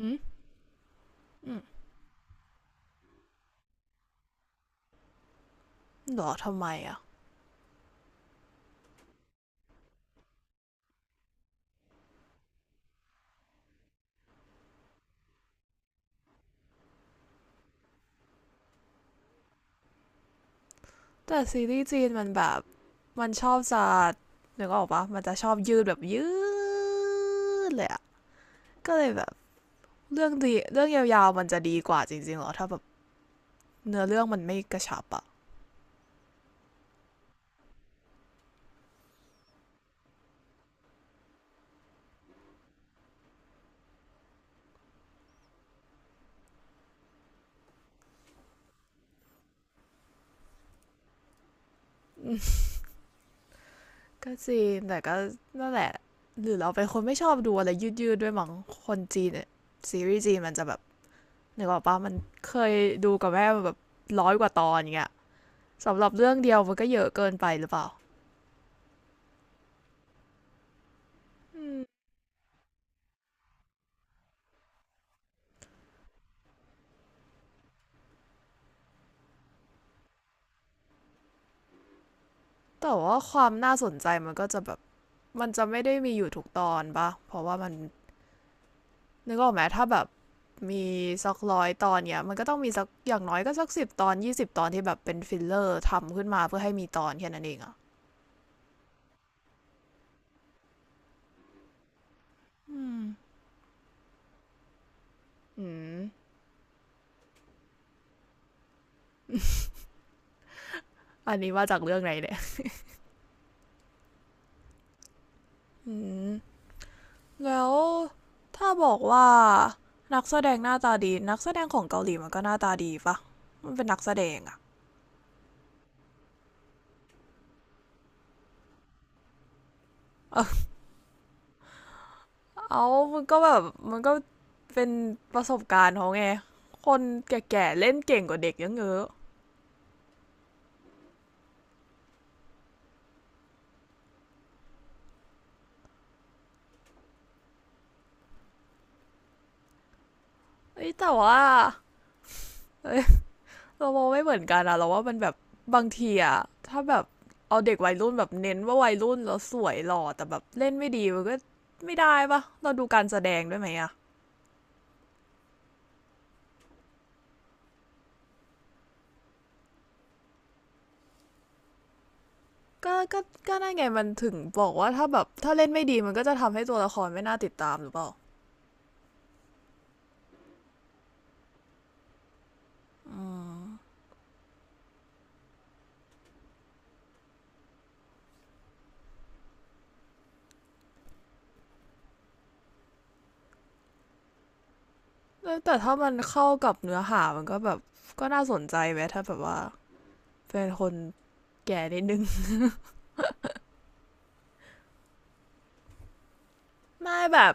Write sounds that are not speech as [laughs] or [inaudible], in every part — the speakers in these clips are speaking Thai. อืมหรอทำไมอ่ะแต่ซีรีส์จีนมันแบบมันชอบจะนึกออกปะมันจะชอบยืดแบบยืดเลยอ่ะก็เลยแบบเรื่องดีเรื่องยาวๆมันจะดีกว่าจริงๆหรอถ้าแบบเนื้อเรื่องมันไม่กระชับอ่ะก็จริงแต่ก็นั่นแหละหรือเราเป็นคนไม่ชอบดูอะไรยืดๆด้วยมั้งคนจีนเนี่ยซีรีส์จีนมันจะแบบนึกออกปะมันเคยดูกับแม่แบบร้อยกว่าตอนอย่างเงี้ยสำหรับเรื่องเดียวมันก็เยอะเกินไปหรือเปล่าแต่ว่าความน่าสนใจมันก็จะแบบ มันจะไม่ได้มีอยู่ทุกตอนปะเพราะว่ามันนึกออกไหมถ้าแบบมีสักร้อยตอนเนี่ยมันก็ต้องมีสักอย่างน้อยก็สักสิบตอนยี่สิบตอนที่แบบเป็นฟิลเลอร์ทำขึ้นมาเพื่อให้มีตอนแค่นั้นเองอะอืมอืม อันนี้มาจากเรื่องไหนเนี่ย แล้วถ้าบอกว่านักแสดงหน้าตาดีนักแสดงของเกาหลีมันก็หน้าตาดีปะมันเป็นนักแสดงอะ [laughs] เอามันก็แบบมันก็เป็นประสบการณ์เขาไงคนแก่ๆเล่นเก่งกว่าเด็กเยอะ เอ้ยแต่ว่าเอ้ย [laughs] เรามองไม่เหมือนกันอะเราว่ามันแบบบางทีอะถ้าแบบเอาเด็กวัยรุ่นแบบเน้นว่าวัยรุ่นแล้วสวยหล่อแต่แบบเล่นไม่ดีมันก็ไม่ได้ปะเราดูการแสดงด้วยไหมอะก็ก็นั่นไงมันถึงบอกว่าถ้าแบบถ้าเล่นไม่ดีมันก็จะทำให้ตัวละครไม่น่าติดตามหรือเปล่าแต่ถ้ามันเข้ากับเนื้อหามันก็แบบก็น่าสนใจไหมถ้าแบบว่าเป็นคนแก่นิดนึง [laughs] ไม่แบบ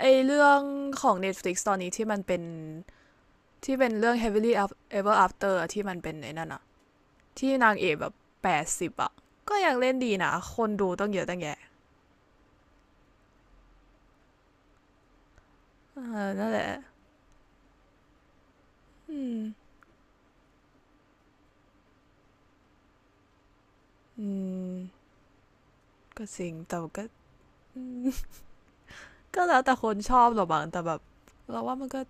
ไอเรื่องของ Netflix ตอนนี้ที่มันเป็น ที่เป็นเรื่อง heavily ever after อที่มันเป็นไอ้นั่นอะที่นางเอกแบบแปดสิบอะก็ยังเล่นดีนะคนดูต้องเยอะตั้งแยะนั่นแหละอืมอืมก็จริงแต่ก็ [laughs] ก็แล้วแต่คนชอบหรอกบางแต่แบบเราว่ามันก็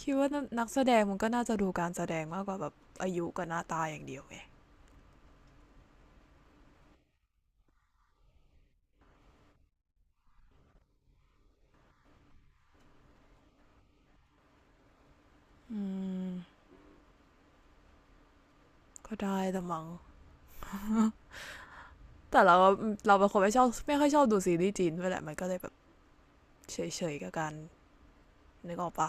คิดว่านักแสดงมันก็น่าจะดูการแสดงมากกว่าแบบอายุกับหน้าตาอย่างเดียวไงอืมก็ได้แต่มังแต่เราเราเป็นคนไม่ชอบไม่ค่อยชอบดูซีรีส์จีนด้วยแหละมันก็เลยแบบเฉยๆกับการนึกออกปะ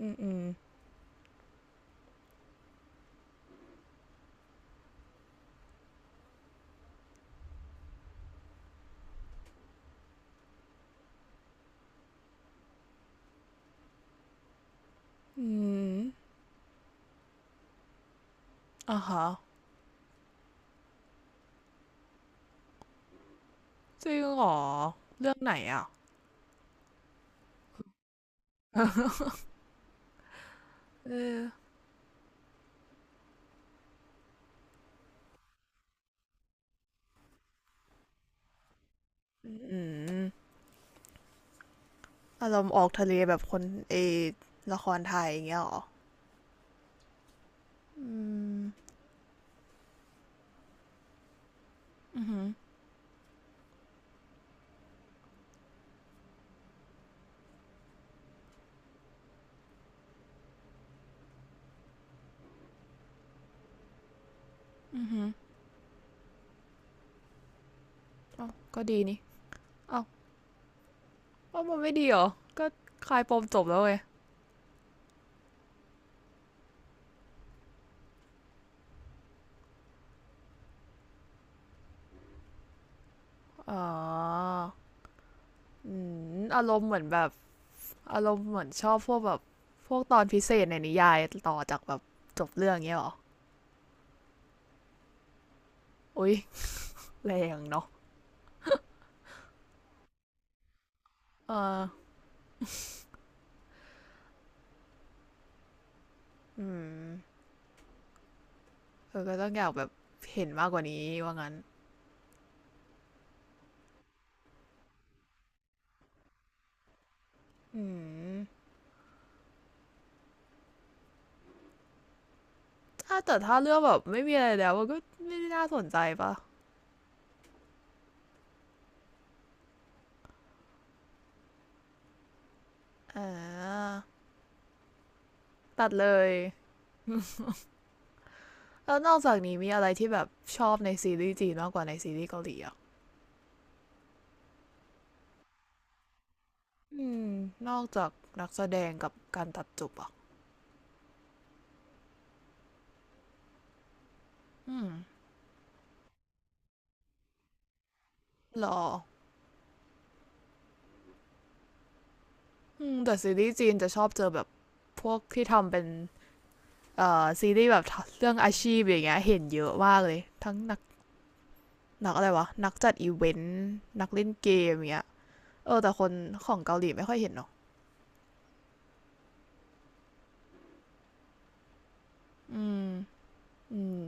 อืม อืมอ่าฮะจริงเหรอเรื่องไหนอ่ะ อืมอารมณ์ออกทะเลแบบคนเอ ละครไทยอย่างเงี้ยเหรออ้าวก็ดีนี่ อ้าวว่ามันไม่ดีเหรอ ก็คลายปมจบแล้วเว้ยอ๋ออืมอารมณ์เหมือนแบบ อารมณ์เหมือนชอบพวกแบบ พวกตอนพิเศษในนิยายต่อจากแบบจบเรื่องเงี้ยเหรอ อุ๊ยแรงเนาะเอออืมเออก็ต้องอยากแบบเห็นมากกว่านี้ว่างั้นอืม ถ้าแต่ถ้าเรื่องแบบไม่มีอะไรแล้วมันก็ไม่ได้น่าสนใจปะอ่าตัดเลยแล้วนอกจากนี้มีอะไรที่แบบชอบในซีรีส์จีนมากกว่าในซีรีส์เกาหลีอ่ะอืมนอกจากนักแสดงกับการตัดจบอ่ะอืมหรออืมแต่ซีรีส์จีนจะชอบเจอแบบพวกที่ทำเป็นซีรีส์แบบเรื่องอาชีพอย่างเงี้ยเห็นเยอะมากเลยทั้งนักอะไรวะนักจัดอีเวนต์นักเล่นเกมอย่างเงี้ยเออแต่คนของเกาหลีไม่ค่อยเห็นเรอกอืมอืม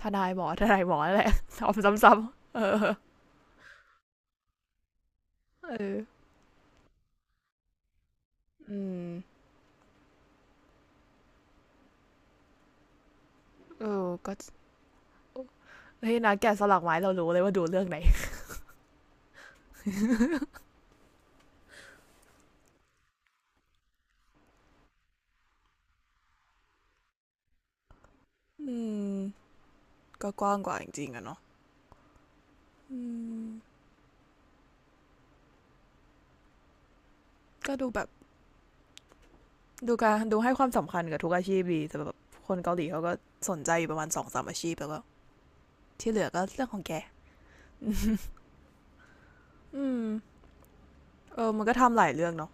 ทนายหมอทนายหมอแหละ [laughs] ทำซ้ำๆเออเอออืมเออก็เฮ้ยนะแกะสลักไม้เรารู้เลยว่าดูเรื่องไหนอืมก็กว้างกว่าจริงๆอะเนาะอืมก็ดูแบบดูการดูให้ความสำคัญกับทุกอาชีพดีแต่แบบคนเกาหลีเขาก็สนใจอยู่ประมาณสองสามอาชีพแล้วก็ที่เหลือก็เรื่องของแกอืมเออมันก็ทำหลายเรื่องเนาะ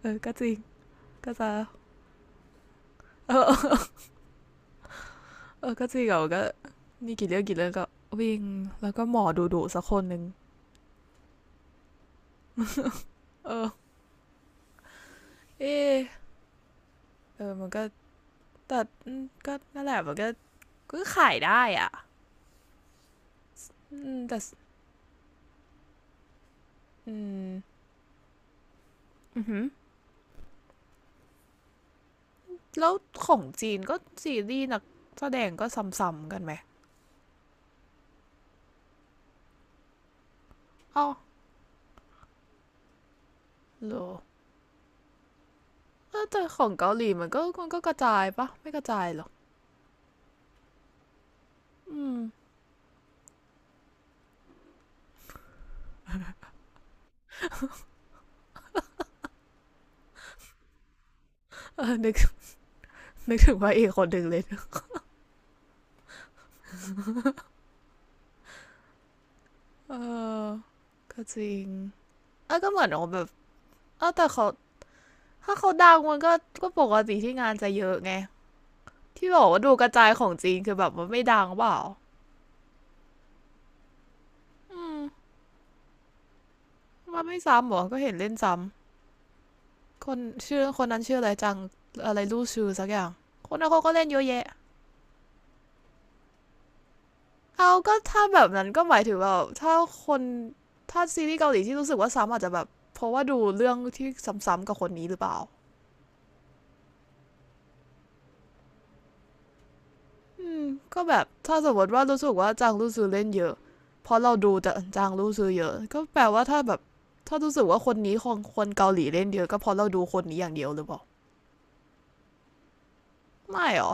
เออก็จริงก็จะเออเออก็จริงเหมอก็นี่กี่เรื่องกี่เรื่องก็วิ่งแล้วก็หมอดูดูสักคนหนึ่ง เออเออเออมันก็แต่มก็นั่นแหละมันก็ก็ขายได้อ่ะแต่อืมอือหือแล้วของจีนก็ซีรีส์นักแสดงก็ซ้ำๆกันไหมอ้าวอโลแต่ของเกาหลีมันก็กระจายปะไม่กระจายหรอกอืมเออนึกถึงว่าเอกคนหนึ่งเลยนเออก็จริงเออก็เหมือนแบบเออแต่เขาถ้าเขาดังมันก็ก็ปกติที่งานจะเยอะไง ที่บอกว่าดูกระจายของจีนคือแบบมันไม่ดังเปล่าอืมมันไม่ซ้ำหรอก็เห็นเล่นซ้ำคนชื่อคนนั้นชื่ออะไรจังอะไรลู่ชื่อสักอย่างคนนั้นเขาก็เล่นเยอะแยะเอาก็ถ้าแบบนั้นก็หมายถึงแบบถ้าคนถ้าซีรีส์เกาหลีที่รู้สึกว่าซ้ำอาจจะแบบเพราะว่าดูเรื่องที่ซ้ำๆกับคนนี้หรือเปล่าอืมก็แบบถ้าสมมติว่ารู้สึกว่าจางลู่ซือเล่นเยอะเพราะเราดูแต่จางลู่ซือเยอะก็แปลว่าถ้าแบบถ้ารู้สึกว่าคนนี้ของคนเกาหลีเล่นเยอะก็เพราะเราดูคนนี้อย่างเดียวหรือเปล่า ไม่หรอ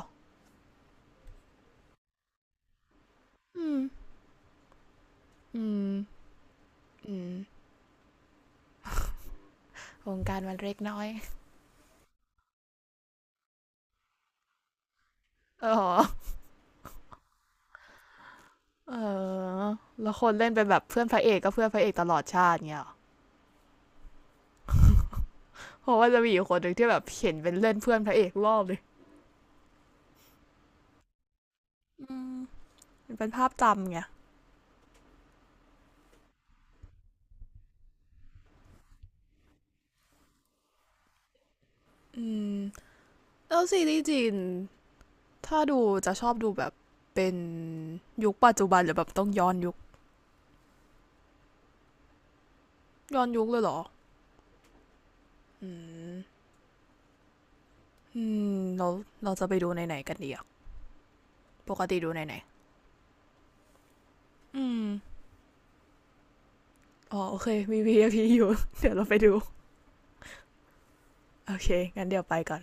อืมอืมอืมวงการมันเล็กน้อยเออเออแล้วคนเล่นเป็นแบบเพื่อนพระเอกก็เพื่อนพระเอกตลอดชาติเงี้ยหเพราะว่าจะมีอยู่คนหนึ่งที่แบบเห็นเป็นเล่นเพื่อนพระเอกรอบเลยอืมมันเป็นภาพจำไงอืมแล้วซีรีส์จีนถ้าดูจะชอบดูแบบเป็นยุคปัจจุบันหรือแบบต้องย้อนยุคย้อนยุคเลยเหรออืมอืมเราจะไปดูไหนๆกันดีอ่ะปกติดูไหนๆอืม อ๋อโอเคมี VIP อพีอยู่ [laughs] เดี๋ยวเราไปดูโอเคงั้นเดี๋ยวไปก่อน